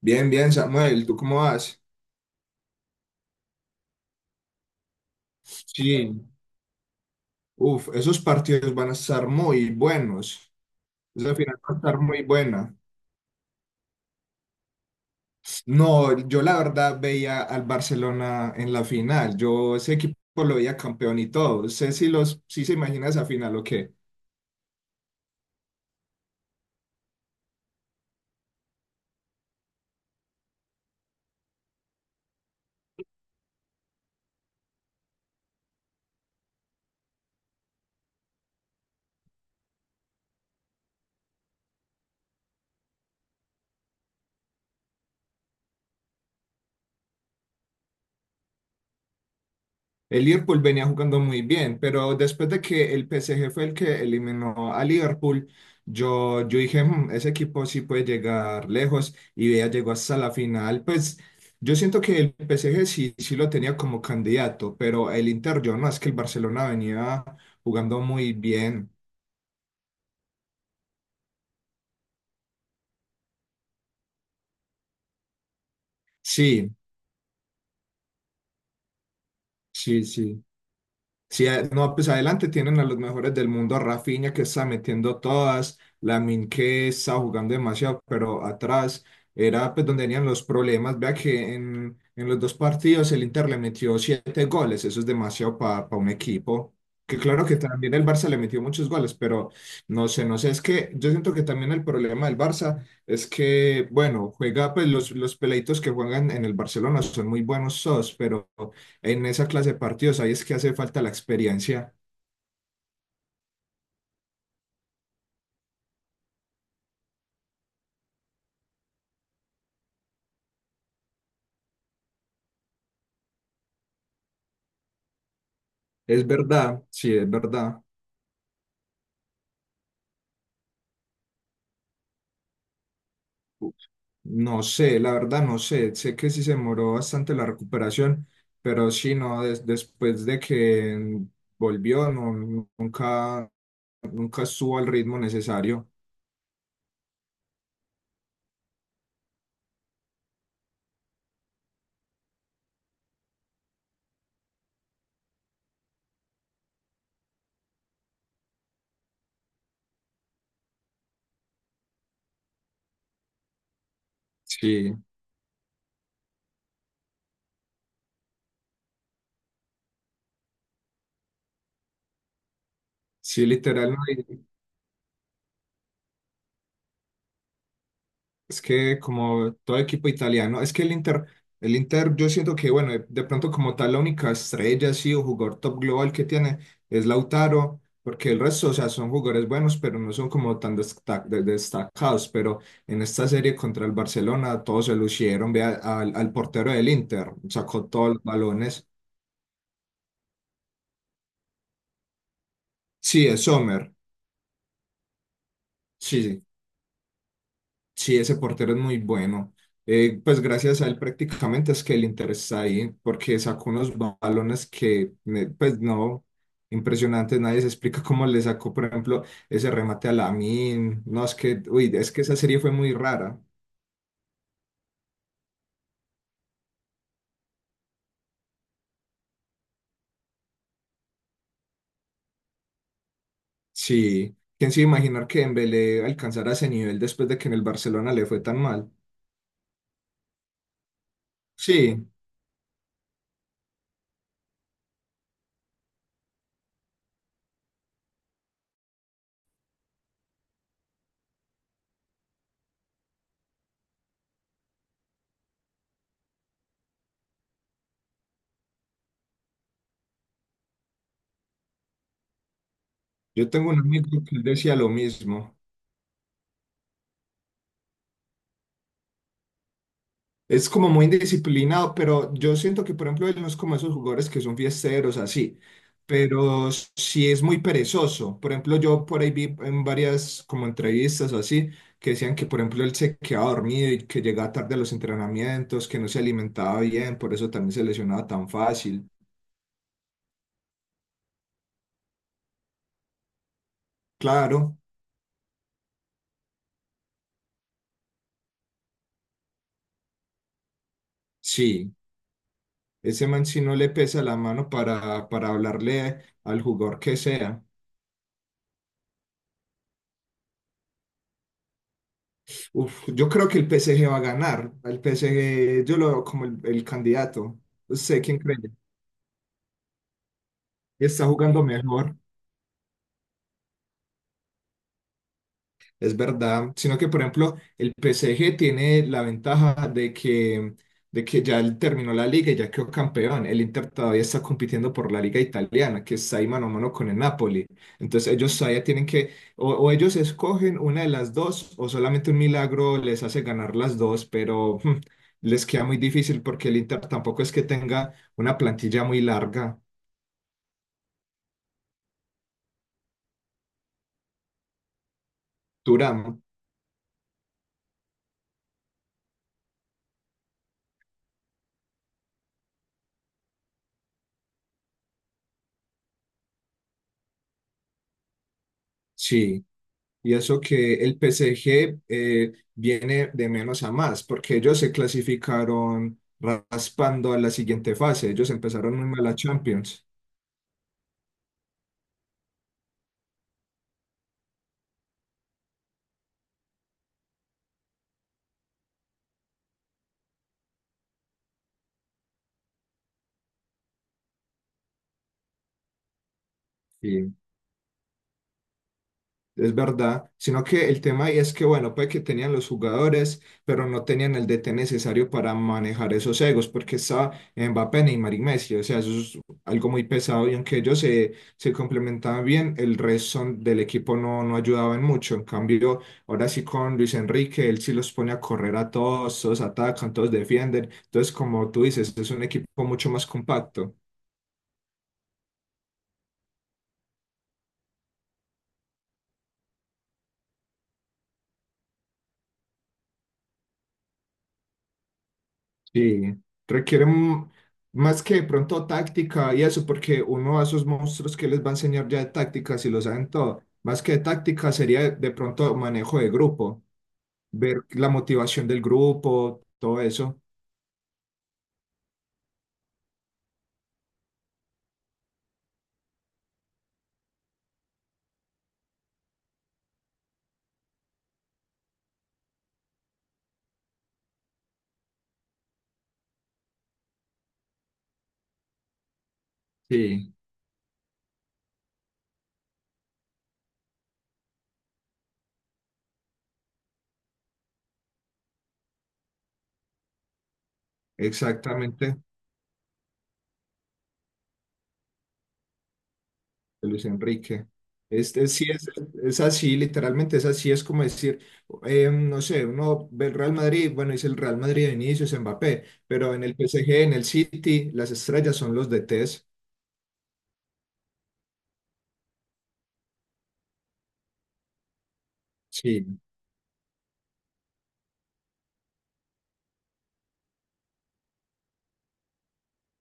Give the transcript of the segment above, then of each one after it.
Bien, bien, Samuel, ¿tú cómo vas? Sí, uf, esos partidos van a estar muy buenos. Esa final va a estar muy buena. No, yo la verdad veía al Barcelona en la final. Yo ese equipo lo veía campeón y todo. Sé si se imagina esa final o qué. El Liverpool venía jugando muy bien, pero después de que el PSG fue el que eliminó a Liverpool, yo dije, "Mm, ese equipo sí puede llegar lejos y ya llegó hasta la final." Pues yo siento que el PSG sí, sí lo tenía como candidato, pero el Inter yo no, es que el Barcelona venía jugando muy bien. Sí, sí, sí. Sí, no, pues adelante tienen a los mejores del mundo, a Rafinha que está metiendo todas, Lamine que está jugando demasiado, pero atrás era pues donde tenían los problemas. Vea que en los dos partidos el Inter le metió siete goles, eso es demasiado para un equipo. Que claro que también el Barça le metió muchos goles, pero no sé, no sé, es que yo siento que también el problema del Barça es que, bueno, juega pues los peleitos que juegan en el Barcelona son muy buenos todos, pero en esa clase de partidos, ahí es que hace falta la experiencia. Es verdad, sí, es verdad. No sé, la verdad no sé. Sé que sí se demoró bastante la recuperación, pero sí, no, después de que volvió, no, nunca, nunca estuvo al ritmo necesario. Sí, sí, literal, no. Es que como todo equipo italiano, es que el Inter, yo siento que, bueno, de pronto como tal, la única estrella, sí, o jugador top global que tiene es Lautaro, porque el resto, o sea, son jugadores buenos, pero no son como tan destacados, pero en esta serie contra el Barcelona todos se lucieron, vea, al portero del Inter, sacó todos los balones. Sí, es Sommer, sí. Sí. Sí, ese portero es muy bueno. Pues gracias a él prácticamente es que el Inter está ahí, porque sacó unos balones que, pues no, impresionantes, nadie se explica cómo le sacó, por ejemplo, ese remate a Lamine. No, es que, uy, es que esa serie fue muy rara. Sí, ¿quién se iba a imaginar que Dembélé alcanzara ese nivel después de que en el Barcelona le fue tan mal? Sí, yo tengo un amigo que él decía lo mismo. Es como muy indisciplinado, pero yo siento que, por ejemplo, él no es como esos jugadores que son fiesteros así, pero sí es muy perezoso. Por ejemplo, yo por ahí vi en varias como entrevistas o así, que decían que, por ejemplo, él se quedaba dormido y que llegaba tarde a los entrenamientos, que no se alimentaba bien, por eso también se lesionaba tan fácil. Claro, sí, ese man sí no le pesa la mano para hablarle al jugador que sea. Uf, yo creo que el PSG va a ganar. El PSG, yo lo veo como el candidato. No sé quién cree. Está jugando mejor. Es verdad, sino que por ejemplo el PSG tiene la ventaja de que, de, que ya él terminó la liga y ya quedó campeón. El Inter todavía está compitiendo por la liga italiana, que está ahí mano a mano con el Napoli. Entonces ellos todavía tienen que, o ellos escogen una de las dos, o solamente un milagro les hace ganar las dos, pero les queda muy difícil porque el Inter tampoco es que tenga una plantilla muy larga. Durán, sí. Y eso que el P PSG viene de menos a más, porque ellos se clasificaron raspando a la siguiente fase. Ellos empezaron muy mal a Champions. Sí. Es verdad, sino que el tema ahí es que, bueno, puede que tenían los jugadores, pero no tenían el DT necesario para manejar esos egos, porque estaba Mbappé, Neymar y Messi, o sea, eso es algo muy pesado, y aunque ellos se, se complementaban bien, el resto del equipo no, no ayudaban mucho, en cambio, ahora sí con Luis Enrique, él sí los pone a correr a todos, todos atacan, todos defienden, entonces, como tú dices, es un equipo mucho más compacto. Sí, requiere más que de pronto táctica y eso, porque uno a esos monstruos que les va a enseñar ya de táctica, si lo saben todo, más que de táctica sería de pronto manejo de grupo, ver la motivación del grupo, todo eso. Sí, exactamente, de Luis Enrique. Este sí es así, literalmente es así, es como decir, no sé, uno ve el Real Madrid, bueno, es el Real Madrid de inicio, es Mbappé, pero en el PSG, en el City, las estrellas son los DTs. Sí,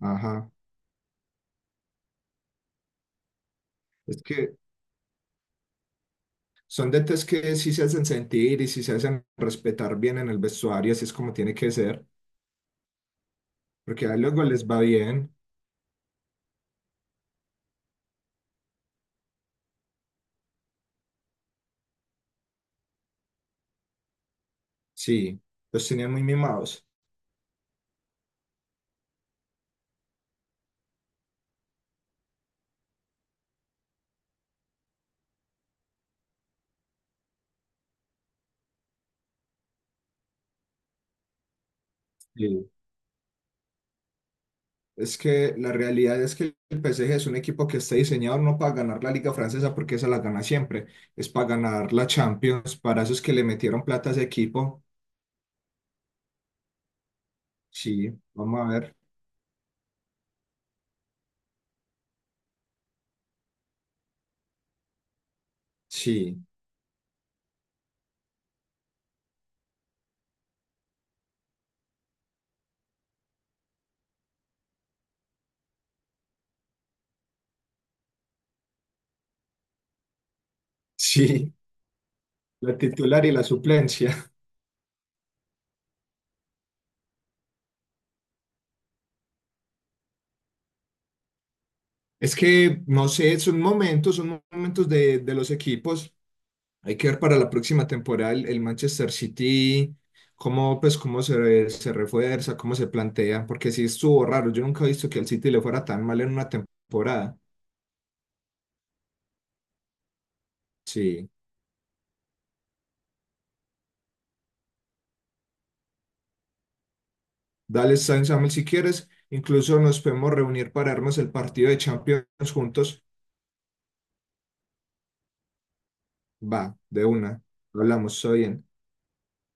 ajá. Es que son detalles que sí se hacen sentir y sí se hacen respetar bien en el vestuario, así es como tiene que ser, porque a luego les va bien. Sí, los tenían muy mimados. Sí. Es que la realidad es que el PSG es un equipo que está diseñado no para ganar la Liga Francesa, porque esa la gana siempre, es para ganar la Champions, para esos que le metieron plata a ese equipo. Sí, vamos a ver. Sí, sí, la titular y la suplencia. Es que, no sé, son momentos de los equipos. Hay que ver para la próxima temporada el Manchester City, cómo, pues, cómo se, se refuerza, cómo se plantea, porque sí estuvo raro. Yo nunca he visto que al City le fuera tan mal en una temporada. Sí, dale, Samuel, si quieres. Incluso nos podemos reunir para armar el partido de Champions juntos. Va, de una. Hablamos, está bien.